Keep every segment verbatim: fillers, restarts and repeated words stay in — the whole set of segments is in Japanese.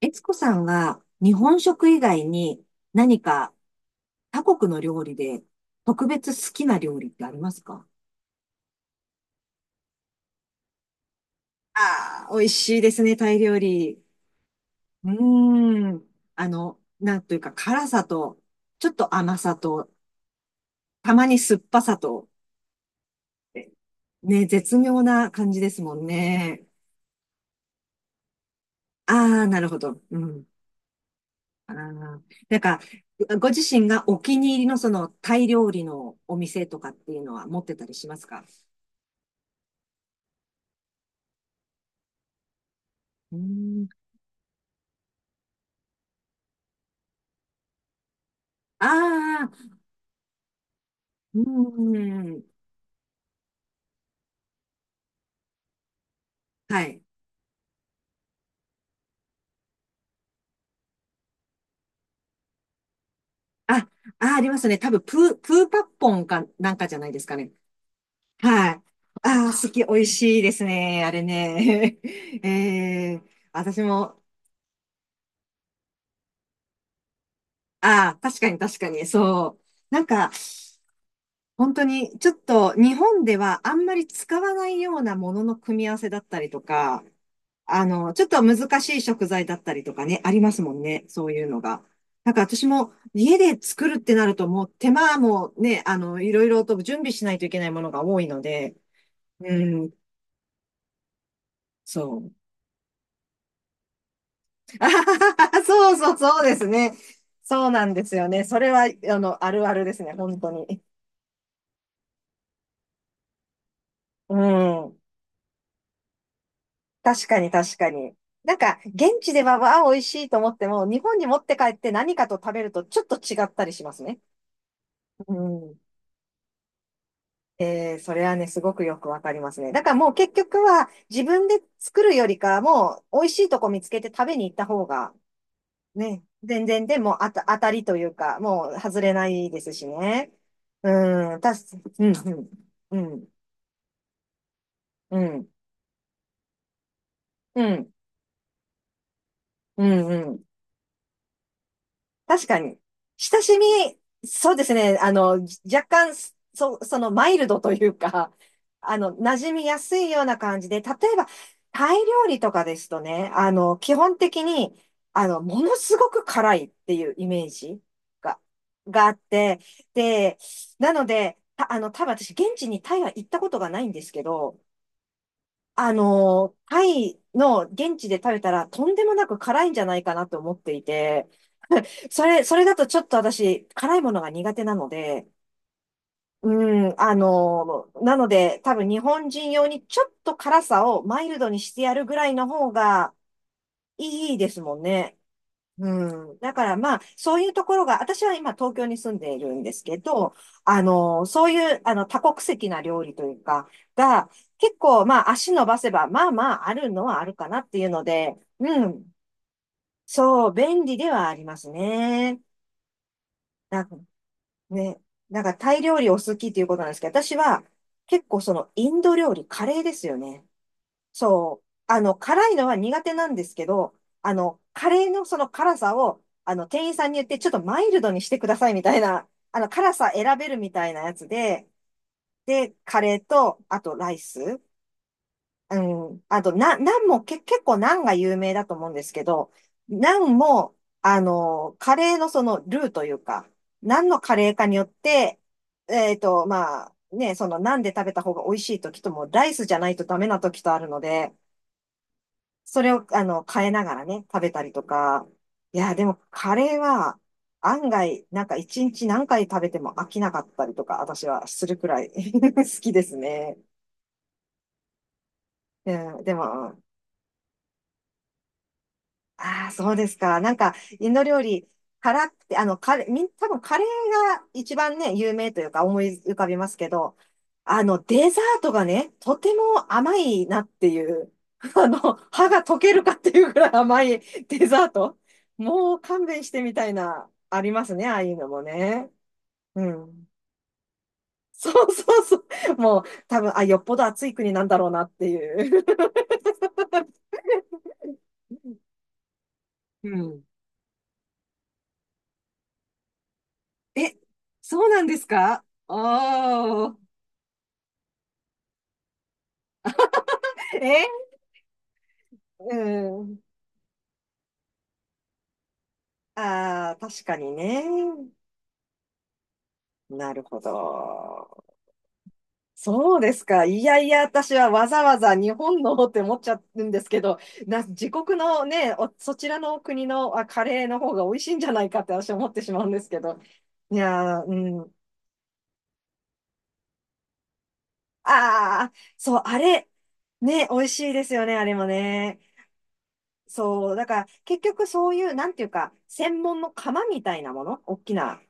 悦子さんは日本食以外に何か他国の料理で特別好きな料理ってありますか？ああー、美味しいですね、タイ料理。うーん。あの、なんというか辛さと、ちょっと甘さと、たまに酸っぱさと、ね、絶妙な感じですもんね。ああ、なるほど。うん。ああ、なんか、ご自身がお気に入りのそのタイ料理のお店とかっていうのは持ってたりしますか？うーん。ああ、うーん。はい。あ、あ、ありますね。多分、プー、プーパッポンかなんかじゃないですかね。はい。あー、好き、美味しいですね。あれね。えー、私も。ああ、確かに、確かに、そう。なんか、本当に、ちょっと、日本ではあんまり使わないようなものの組み合わせだったりとか、あの、ちょっと難しい食材だったりとかね、ありますもんね。そういうのが。なんか私も家で作るってなるともう手間もね、あの、いろいろと準備しないといけないものが多いので、うん、そう。あはははそうそうそうですね。そうなんですよね。それは、あの、あるあるですね、本当に。うん。確かに、確かに。なんか、現地では、わあ、美味しいと思っても、日本に持って帰って何かと食べるとちょっと違ったりしますね。うん。ええ、それはね、すごくよくわかりますね。だからもう結局は自分で作るよりかはもう美味しいとこ見つけて食べに行った方がね、全然でもあた、当たりというか、もう外れないですしね。うん、たす、うん、うん、うん、うん、うん、うん、うん。確かに。親しみ、そうですね。あの、若干、そ、そのマイルドというか、あの、馴染みやすいような感じで、例えば、タイ料理とかですとね、あの、基本的に、あの、ものすごく辛いっていうイメージが、があって、で、なので、た、あの、多分私、現地にタイは行ったことがないんですけど、あの、タイの現地で食べたら、とんでもなく辛いんじゃないかなと思っていて、それ、それだとちょっと私、辛いものが苦手なので、うん、あの、なので、多分日本人用にちょっと辛さをマイルドにしてやるぐらいの方がいいですもんね。うん。だからまあ、そういうところが、私は今東京に住んでいるんですけど、あの、そういう、あの、多国籍な料理というか、が、結構まあ、足伸ばせば、まあまあ、あるのはあるかなっていうので、うん。そう、便利ではありますね。だね、なんかタイ料理お好きっていうことなんですけど、私は結構そのインド料理、カレーですよね。そう。あの、辛いのは苦手なんですけど、あの、カレーのその辛さを、あの、店員さんに言って、ちょっとマイルドにしてくださいみたいな、あの、辛さ選べるみたいなやつで、で、カレーと、あとライス。うん。あと、な、ナンもけ、結構ナンが有名だと思うんですけど、ナンも、あの、カレーのそのルーというか、ナンのカレーかによって、えっと、まあ、ね、そのナンで食べた方が美味しい時とも、ライスじゃないとダメな時とあるので、それを、あの、変えながらね、食べたりとか。いや、でもカレーは、案外、なんか一日何回食べても飽きなかったりとか、私はするくらい 好きですね。うん、でも、ああ、そうですか。なんか、インド料理、辛くて、あの、カレー、みん、多分カレーが一番ね、有名というか思い浮かびますけど、あの、デザートがね、とても甘いなっていう、あの、歯が溶けるかっていうぐらい甘い デザート。もう勘弁してみたいな、ありますね、ああいうのもね。うん。そうそうそう。もう、多分、あ、よっぽど暑い国なんだろうなっていう。うん。え、そうなんですか、おー。え、うん。ああ、確かにね。なるほど。そうですか。いやいや、私はわざわざ日本のって思っちゃうんですけど、な、自国のね、おそちらの国のあカレーの方が美味しいんじゃないかって私は思ってしまうんですけど。いやー、うん。ああ、そう、あれ、ね、美味しいですよね、あれもね。そう、だから結局そういう、なんていうか、専門の釜みたいなもの、大きな、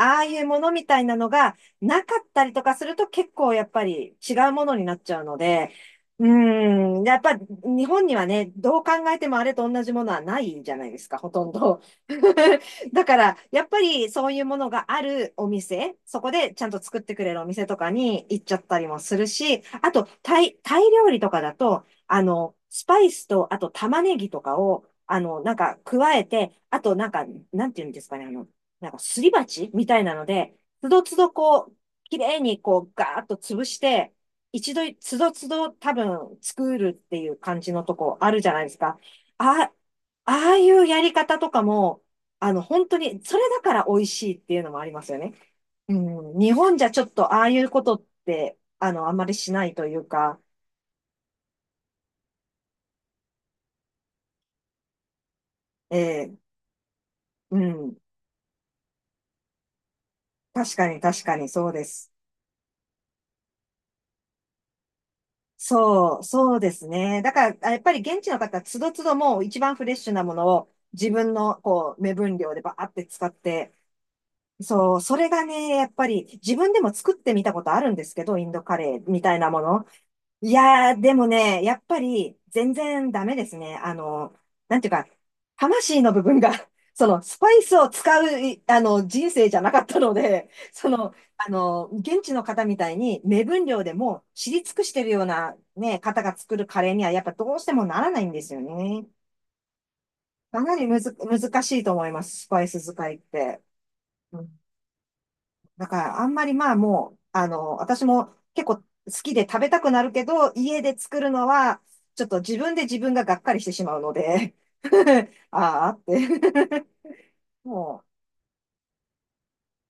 ああいうものみたいなのがなかったりとかすると結構やっぱり違うものになっちゃうので、うーん、やっぱ日本にはね、どう考えてもあれと同じものはないじゃないですか、ほとんど。だから、やっぱりそういうものがあるお店、そこでちゃんと作ってくれるお店とかに行っちゃったりもするし、あと、タイ、タイ料理とかだと、あの、スパイスと、あと玉ねぎとかを、あの、なんか加えて、あとなんか、なんていうんですかね、あの、なんかすり鉢みたいなので、つどつどこう、綺麗にこう、ガーッと潰して、一度、つどつど多分作るっていう感じのとこあるじゃないですか。あ、ああいうやり方とかも、あの、本当に、それだから美味しいっていうのもありますよね。うん、日本じゃちょっとああいうことって、あの、あまりしないというか、えーうん。確かに、確かに、そうです。そう、そうですね。だから、あやっぱり現地の方、つどつどもう一番フレッシュなものを自分の、こう、目分量でバーって使って、そう、それがね、やっぱり自分でも作ってみたことあるんですけど、インドカレーみたいなもの。いやー、でもね、やっぱり全然ダメですね。あの、なんていうか、魂の部分が その、スパイスを使う、いあの、人生じゃなかったので、その、あの、現地の方みたいに、目分量でもう知り尽くしてるような、ね、方が作るカレーには、やっぱどうしてもならないんですよね。かなりむず、難しいと思います、スパイス使いって。だから、あんまりまあもう、あの、私も結構好きで食べたくなるけど、家で作るのは、ちょっと自分で自分ががっかりしてしまうので、ああって もう、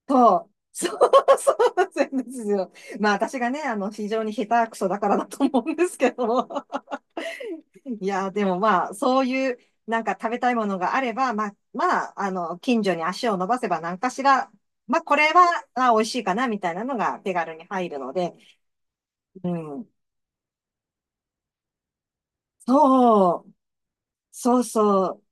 そう、そう、そうなんですよ。まあ私がね、あの、非常に下手くそだからだと思うんですけど、いや、でもまあ、そういう、なんか食べたいものがあれば、まあ、まあ、あの、近所に足を伸ばせば何かしら、まあ、これは、あ、美味しいかな、みたいなのが手軽に入るので、うん。そう、そうそう、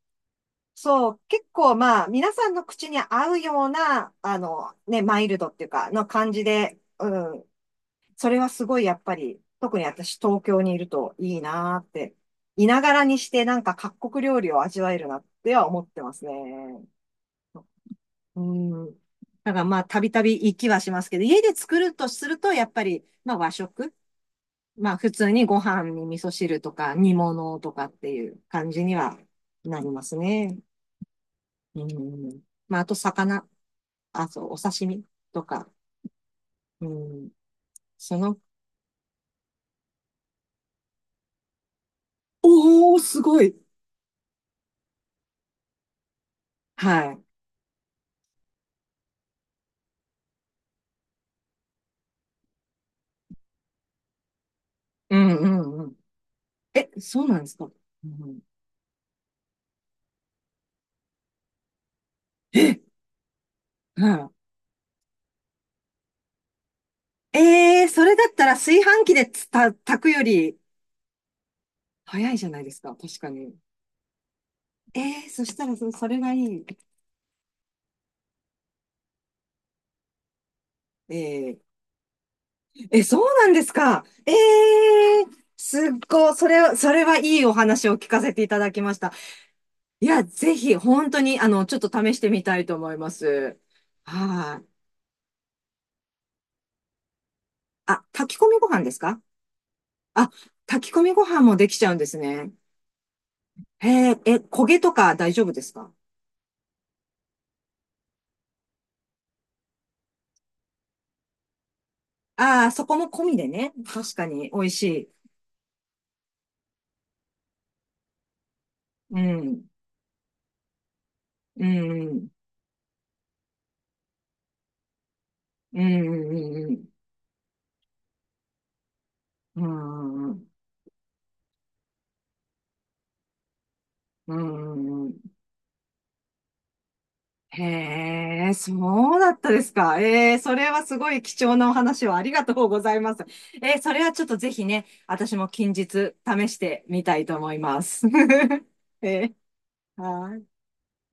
そう、結構まあ、皆さんの口に合うような、あの、ね、マイルドっていうか、の感じで、うん、それはすごいやっぱり、特に私東京にいるといいなーって、いながらにしてなんか各国料理を味わえるなっては思ってますね。うん。だからまあ、たびたび行きはしますけど、家で作るとすると、やっぱり、まあ和食、まあ普通にご飯に味噌汁とか煮物とかっていう感じにはなりますね。うん。まあ、あと魚、あ、そう、お刺身とか、うん。その、おー、すごい。はい。うんうんうん。え、そうなんですか。うん、え、はい。えー、それだったら炊飯器でつた、炊くより早いじゃないですか。確かに。えー、そしたらそ、それがいい。えー、え、そうなんですか。えー、すっごい、それは、それはいいお話を聞かせていただきました。いや、ぜひ、本当に、あの、ちょっと試してみたいと思います。はい。あ、炊き込みご飯ですかあ？炊き込みご飯もできちゃうんですね。へえ、え、焦げとか大丈夫ですか？ああー、そこも込みでね。確かに、美味しい。うん。うん。うん。うん。うん。うん。うん。うん。うん、へえ、そうだったですか。ええ、それはすごい貴重なお話をありがとうございます。ええ、それはちょっとぜひね、私も近日試してみたいと思います。ええ、はい。